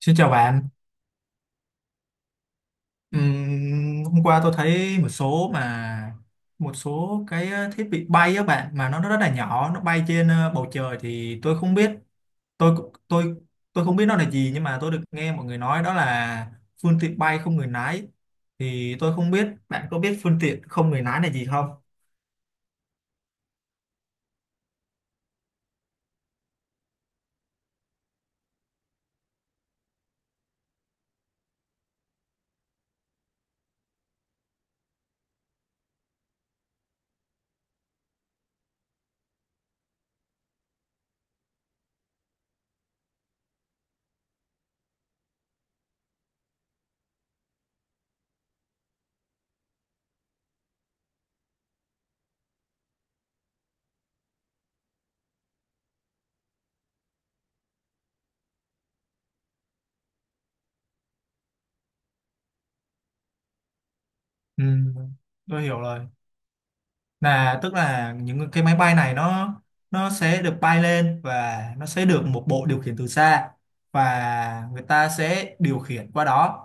Xin chào bạn. Hôm qua tôi thấy một số cái thiết bị bay á bạn mà nó rất là nhỏ, nó bay trên bầu trời thì tôi không biết, tôi cũng- tôi không biết nó là gì nhưng mà tôi được nghe mọi người nói đó là phương tiện bay không người lái. Thì tôi không biết bạn có biết phương tiện không người lái là gì không? Ừm, tôi hiểu rồi. Tức là những cái máy bay này nó sẽ được bay lên và nó sẽ được một bộ điều khiển từ xa, và người ta sẽ điều khiển qua đó.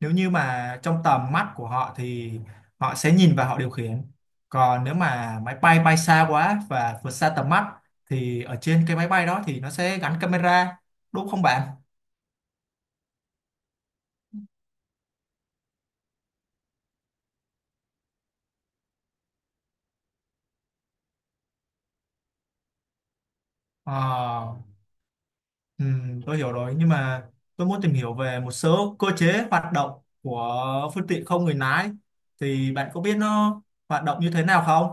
Nếu như mà trong tầm mắt của họ thì họ sẽ nhìn và họ điều khiển, còn nếu mà máy bay bay xa quá và vượt xa tầm mắt thì ở trên cái máy bay đó thì nó sẽ gắn camera, đúng không bạn? Ờ. Ừ, tôi hiểu rồi nhưng mà tôi muốn tìm hiểu về một số cơ chế hoạt động của phương tiện không người lái, thì bạn có biết nó hoạt động như thế nào không?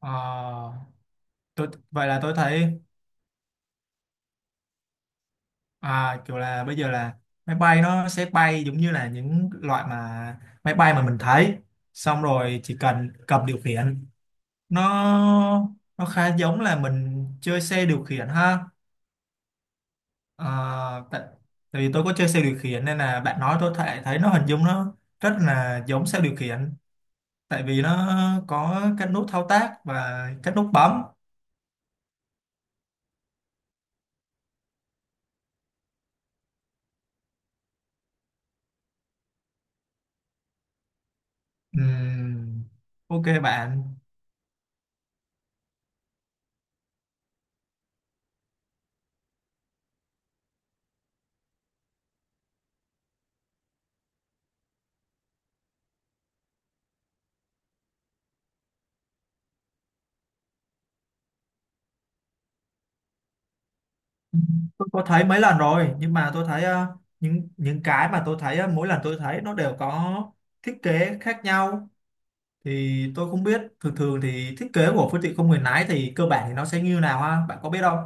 Ờ, vậy là tôi thấy kiểu là bây giờ là máy bay nó sẽ bay giống như là những loại mà máy bay mà mình thấy, xong rồi chỉ cần cầm điều khiển, nó nó khá giống là mình chơi xe điều khiển ha. À, tại, tại vì tôi có chơi xe điều khiển nên là bạn nói tôi thấy thấy nó, hình dung nó rất là giống xe điều khiển, tại vì nó có các nút thao tác và các nút bấm. Ừm, ok bạn. Tôi có thấy mấy lần rồi nhưng mà tôi thấy những cái mà tôi thấy mỗi lần tôi thấy nó đều có thiết kế khác nhau, thì tôi không biết thường thường thì thiết kế của phương tiện không người lái thì cơ bản thì nó sẽ như nào ha, bạn có biết không?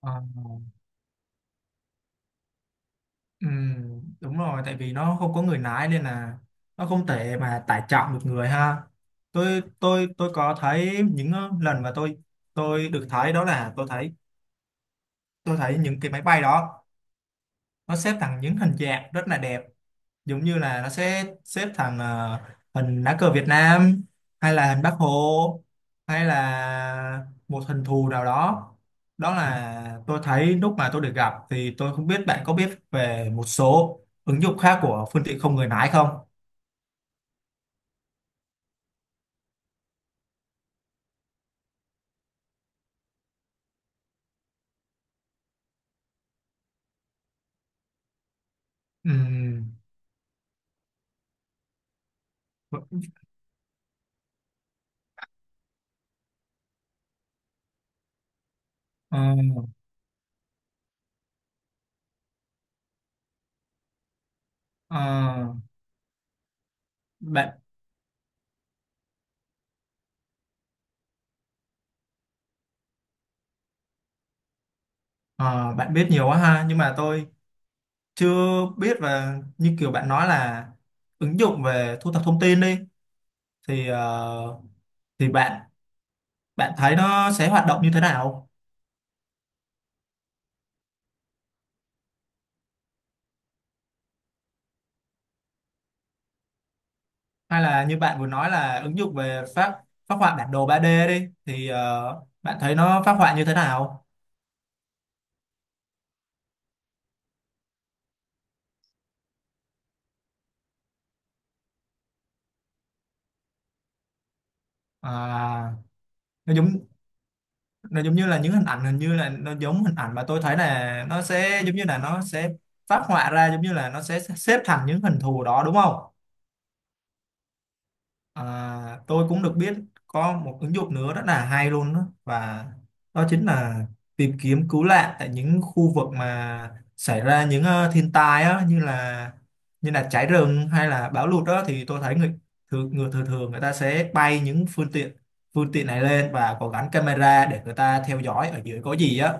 Ờ. Ừ, đúng rồi, tại vì nó không có người lái nên là nó không thể mà tải trọng được người ha. Tôi có thấy những lần mà tôi được thấy, đó là tôi thấy những cái máy bay đó nó xếp thành những hình dạng rất là đẹp, giống như là nó sẽ xếp thằng hình lá cờ Việt Nam, hay là hình Bác Hồ, hay là một hình thù nào đó. Đó là tôi thấy lúc mà tôi được gặp, thì tôi không biết bạn có biết về một số ứng dụng khác của phương tiện không người lái không? Ừm, ờ, ờ, bạn ờ, Bạn biết nhiều quá ha, nhưng mà tôi chưa biết. Và như kiểu bạn nói là ứng dụng về thu thập thông tin đi thì, ờ, thì bạn bạn thấy nó sẽ hoạt động như thế nào? Hay là như bạn vừa nói là ứng dụng về phát phát họa bản đồ 3D đi, thì bạn thấy nó phát họa như thế nào? À, nó giống nó giống như là những hình ảnh, hình như là nó giống hình ảnh mà tôi thấy, là nó sẽ giống như là nó sẽ phát họa ra giống như là nó sẽ xếp thành những hình thù đó đúng không? À, tôi cũng được biết có một ứng dụng nữa rất là hay luôn đó, và đó chính là tìm kiếm cứu nạn tại những khu vực mà xảy ra những thiên tai á, như là cháy rừng hay là bão lụt đó, thì tôi thấy người thường thường người ta sẽ bay những phương tiện này lên và có gắn camera để người ta theo dõi ở dưới có gì á.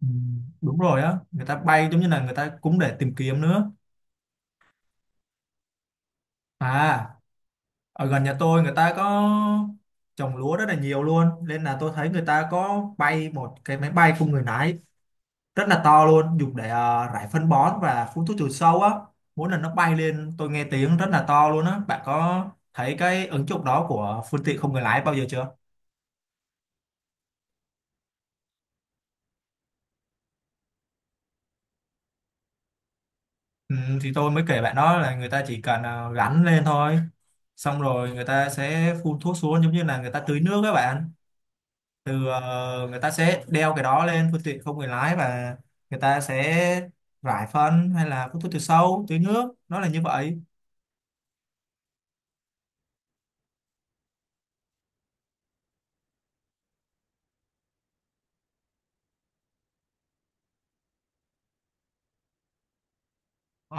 Ừ, đúng rồi á, người ta bay giống như là người ta cũng để tìm kiếm nữa. À, ở gần nhà tôi người ta có trồng lúa rất là nhiều luôn, nên là tôi thấy người ta có bay một cái máy bay không người lái rất là to luôn, dùng để rải phân bón và phun thuốc trừ sâu á. Mỗi lần nó bay lên tôi nghe tiếng rất là to luôn á, bạn có thấy cái ứng dụng đó của phương tiện không người lái bao giờ chưa? Ừ, thì tôi mới kể bạn đó là người ta chỉ cần gắn lên thôi, xong rồi người ta sẽ phun thuốc xuống giống như là người ta tưới nước các bạn. Người ta sẽ đeo cái đó lên phương tiện không người lái và người ta sẽ rải phân hay là hút thuốc trừ sâu, tưới nước, nó là như vậy. ờ,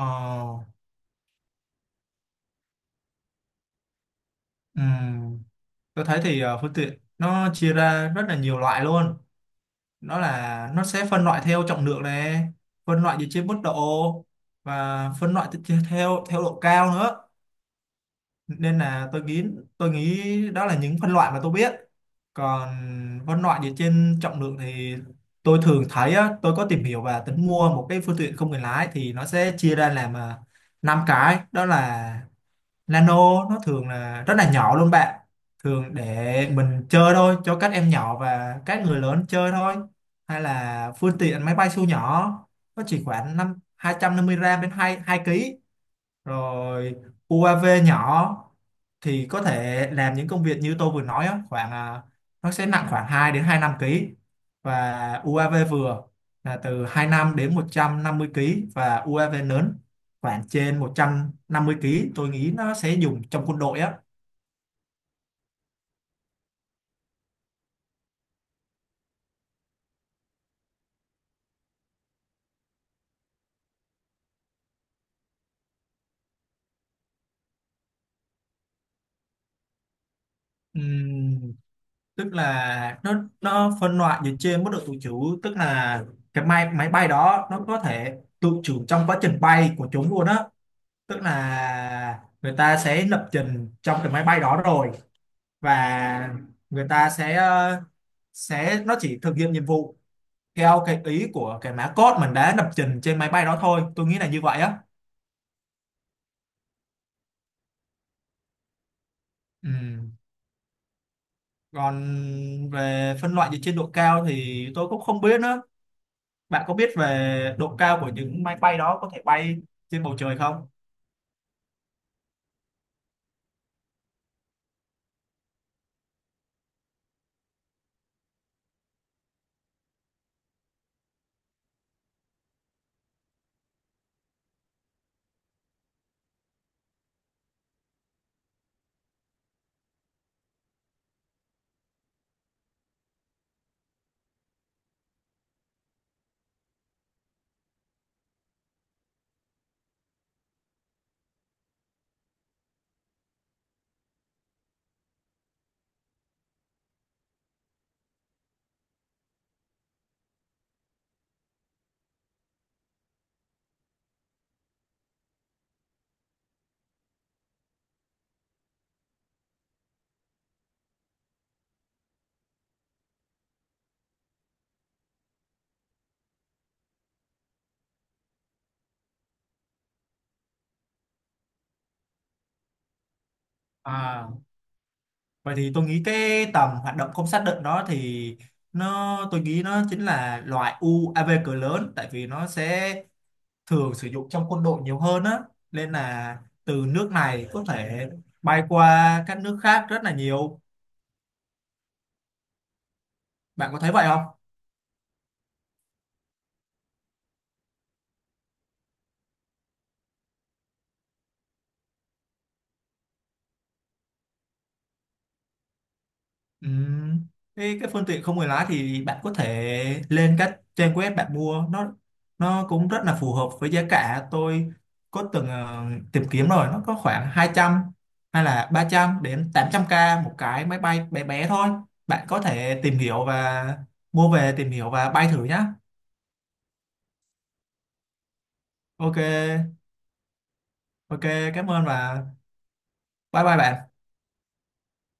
ừm, tôi thấy thì phương tiện nó chia ra rất là nhiều loại luôn, nó sẽ phân loại theo trọng lượng này, phân loại dựa trên mức độ, và phân loại theo theo theo độ cao nữa, nên là tôi nghĩ đó là những phân loại mà tôi biết. Còn phân loại dựa trên trọng lượng thì tôi thường thấy á, tôi có tìm hiểu và tính mua một cái phương tiện không người lái, thì nó sẽ chia ra làm năm cái, đó là nano, nó thường là rất là nhỏ luôn bạn, thường để mình chơi thôi, cho các em nhỏ và các người lớn chơi thôi. Hay là phương tiện máy bay siêu nhỏ, nó chỉ khoảng năm 250 gram đến 2 2 ký. Rồi UAV nhỏ thì có thể làm những công việc như tôi vừa nói á, khoảng nó sẽ nặng khoảng 2 đến 25 ký. Và UAV vừa là từ 25 đến 150 ký, và UAV lớn khoảng trên 150 ký, tôi nghĩ nó sẽ dùng trong quân đội á. Ừm, tức là nó phân loại dựa trên mức độ tự chủ, tức là cái máy máy bay đó nó có thể tự chủ trong quá trình bay của chúng luôn á, tức là người ta sẽ lập trình trong cái máy bay đó rồi, và người ta sẽ chỉ thực hiện nhiệm vụ theo cái ý của cái mã code mình đã lập trình trên máy bay đó thôi, tôi nghĩ là như vậy á. Ừ. Còn về phân loại về trên độ cao thì tôi cũng không biết nữa, bạn có biết về độ cao của những máy bay đó có thể bay trên bầu trời không? À, vậy thì tôi nghĩ cái tầm hoạt động không xác định đó thì tôi nghĩ nó chính là loại UAV cỡ lớn, tại vì nó sẽ thường sử dụng trong quân đội nhiều hơn á, nên là từ nước này có thể bay qua các nước khác rất là nhiều, bạn có thấy vậy không? Ừ. Cái phương tiện không người lái thì bạn có thể lên các trang web bạn mua nó cũng rất là phù hợp với giá cả. Tôi có từng tìm kiếm rồi, nó có khoảng 200 hay là 300 đến 800k một cái máy bay bé bé thôi, bạn có thể tìm hiểu và mua về tìm hiểu và bay thử nhá. Ok, ok, cảm ơn và bye bye bạn.